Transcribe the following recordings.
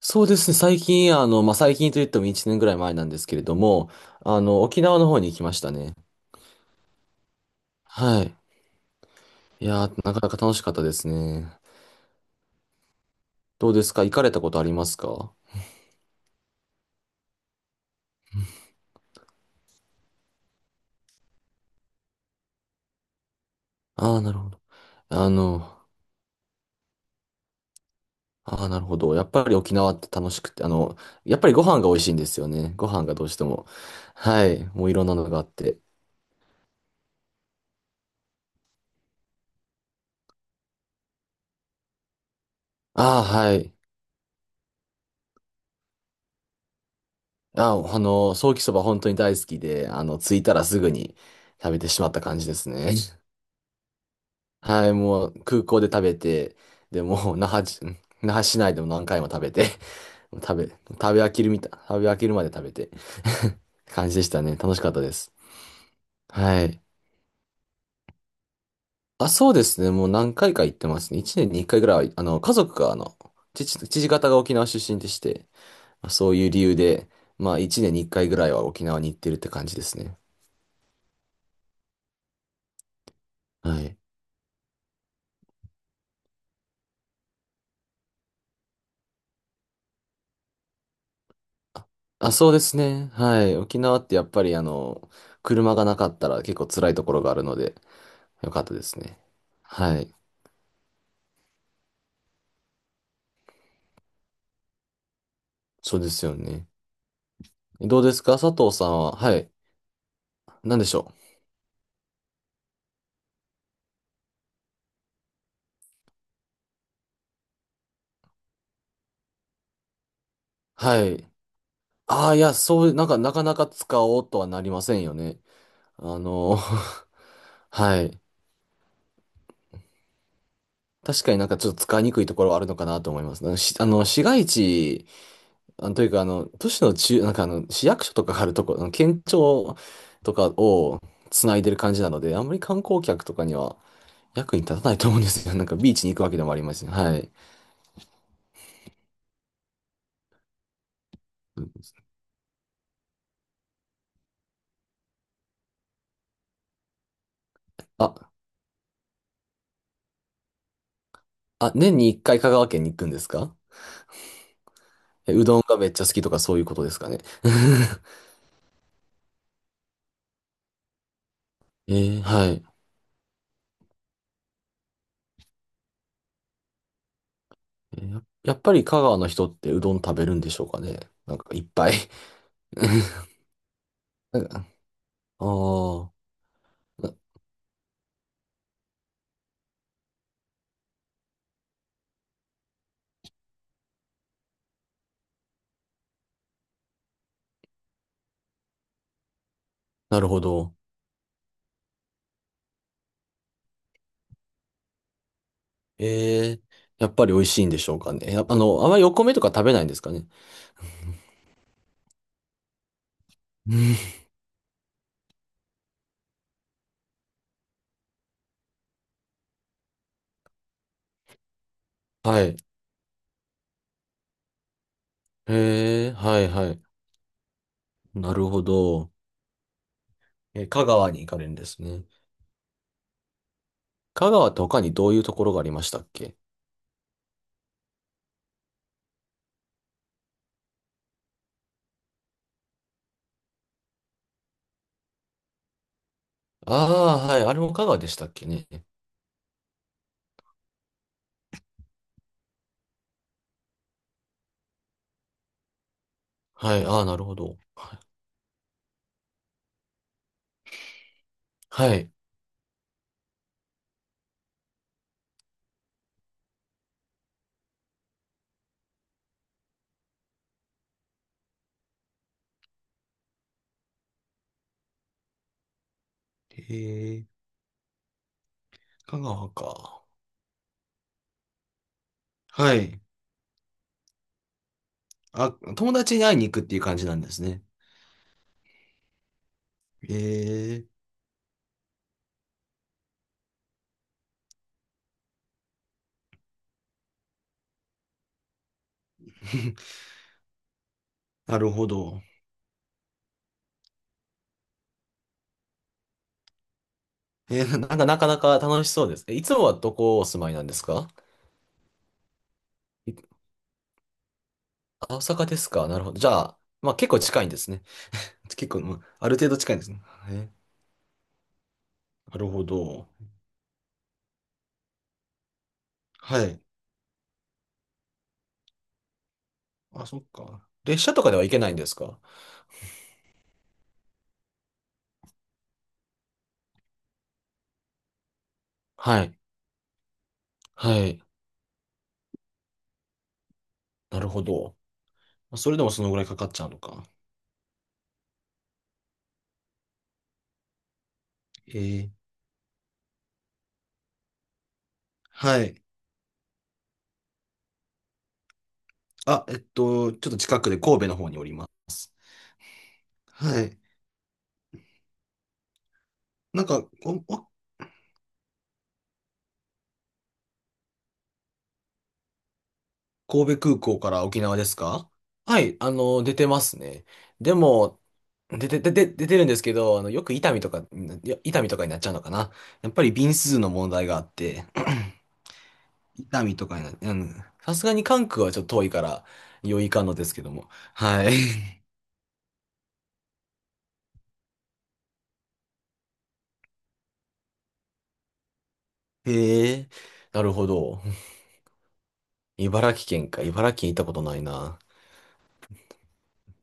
そうですね。最近、あの、まあ、最近といっても1年ぐらい前なんですけれども、沖縄の方に行きましたね。はい。いやー、なかなか楽しかったですね。どうですか、行かれたことありますか？ああー、なるほど。あの、ああ、なるほど。やっぱり沖縄って楽しくて、やっぱりご飯が美味しいんですよね。ご飯がどうしても。はい。もういろんなのがあって。ああ、はい。ああ、ソーキそば本当に大好きで、着いたらすぐに食べてしまった感じですね。はい、もう空港で食べて、で、もう那覇じ、那覇市内でも何回も食べて、もう食べ飽きるみたい、食べ飽きるまで食べて 感じでしたね。楽しかったです。はい。あ、そうですね。もう何回か行ってますね。1年に1回ぐらいは、家族が、父方が沖縄出身でして、まあそういう理由で、まあ1年に1回ぐらいは沖縄に行ってるって感じですね。はい。あ、そうですね。はい。沖縄ってやっぱり車がなかったら結構辛いところがあるので、よかったですね。はい。そうですよね。どうですか、佐藤さんは。はい。何でしょう。はい。ああ、いや、そう、なかなか使おうとはなりませんよね。あの、はい。確かになんかちょっと使いにくいところはあるのかなと思います。なんかし、あの、市街地、というか、都市の中、市役所とかがあるところ、県庁とかをつないでる感じなので、あんまり観光客とかには役に立たないと思うんですよ。なんかビーチに行くわけでもありますし。はい。あ、あ、年に一回香川県に行くんですか？え、うどんがめっちゃ好きとかそういうことですかね。はい。やっぱり香川の人ってうどん食べるんでしょうかね。いっぱい。 なんかああ、な、なるほど。えー、やっぱり美味しいんでしょうかね。やっぱあんまりお米とか食べないんですかね。うん、はい。はいはい。なるほど。香川に行かれるんですね。香川って他にどういうところがありましたっけ？ああー、はい。あれも香川でしたっけね。はい。ああ、なるほど。はい。ええ、香川か。はい。あ、友達に会いに行くっていう感じなんですね。ええ、なるほど。なかなか楽しそうです。いつもはどこお住まいなんですか？いあ、大阪ですか？なるほど。じゃあ、まあ結構近いんですね。結構、うん、ある程度近いんですね。えーなるほど。はい。あ、そっか。列車とかでは行けないんですか？はい。はい。なるほど。それでもそのぐらいかかっちゃうのか。えーはい。あ、ちょっと近くで神戸の方におります。はい。なんか、こ神戸空港から沖縄ですか？はい、出てますね。でも、出てるんですけど、よく伊丹とか、いや、伊丹とかになっちゃうのかな。やっぱり便数の問題があって、伊丹とかにな、うん、さすがに関空はちょっと遠いから、余いかんのですけども。はい。へえ、なるほど。茨城県か。茨城県行ったことないな。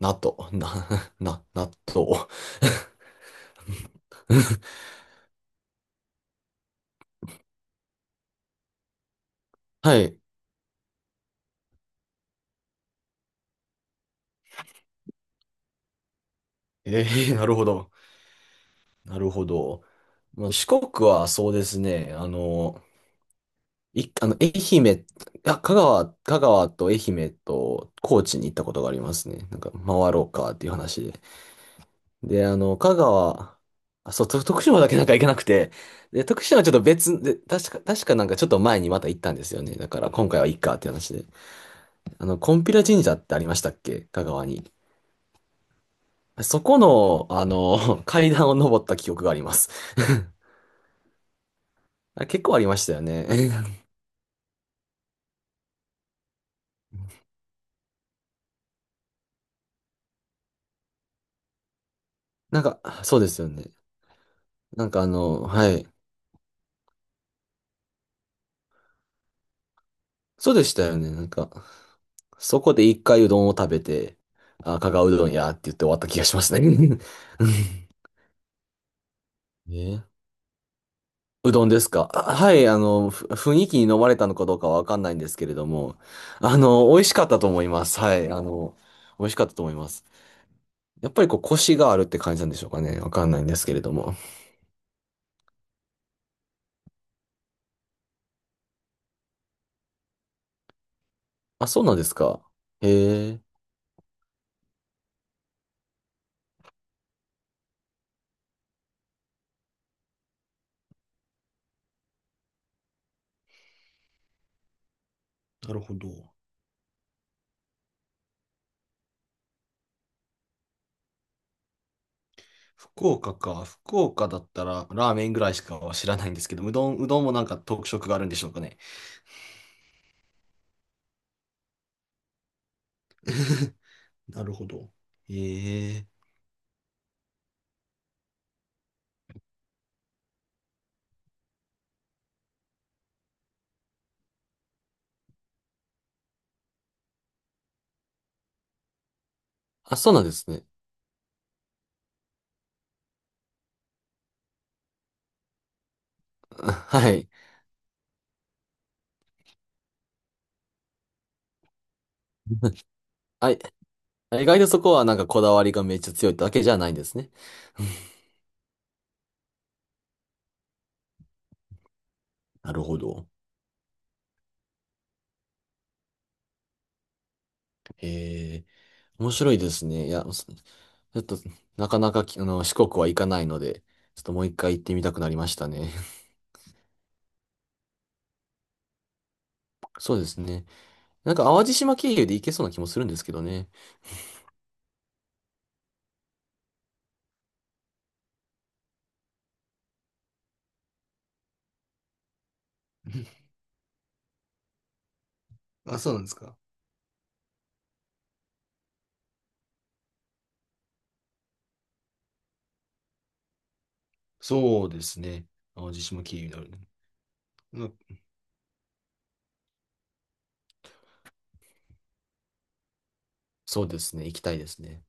なと、な、納豆。はい。えなるほど。なるほど。まあ、四国はそうですね。あの、い、あの、愛媛、あ、香川、香川と愛媛と高知に行ったことがありますね。なんか、回ろうかっていう話で。で、あ、そう、と徳島だけ行けなくて、で、徳島はちょっと別で、確かちょっと前にまた行ったんですよね。だから今回はいいかっていう話で。金毘ラ神社ってありましたっけ、香川に？そこの、階段を登った記憶があります。あ、結構ありましたよね。そうですよね。はい。そうでしたよね。そこで一回うどんを食べて、あ、香川うどんやって言って終わった気がしますね。うんね、うどんですか？あ、はい、雰囲気に飲まれたのかどうかはわかんないんですけれども、美味しかったと思います。はい、美味しかったと思います。やっぱりこう、コシがあるって感じなんでしょうかね。わかんないんですけれども。あ、そうなんですか。へえ。なるほど。福岡か。福岡だったらラーメンぐらいしかは知らないんですけど、うどんもなんか特色があるんでしょうかね。なるほど。ええ。あ、そうなんですね。はい。あ、意外とそこはなんかこだわりがめっちゃ強いだけじゃないんですね。なるほど。へえ。面白いですね。いや、ちょっと、なかなかき、あの、四国は行かないので、ちょっともう一回行ってみたくなりましたね。そうですね。淡路島経由で行けそうな気もするんですけどね。あ、そうなんですか。そうですね。淡路島経由になるね。うん、そうですね。行きたいですね。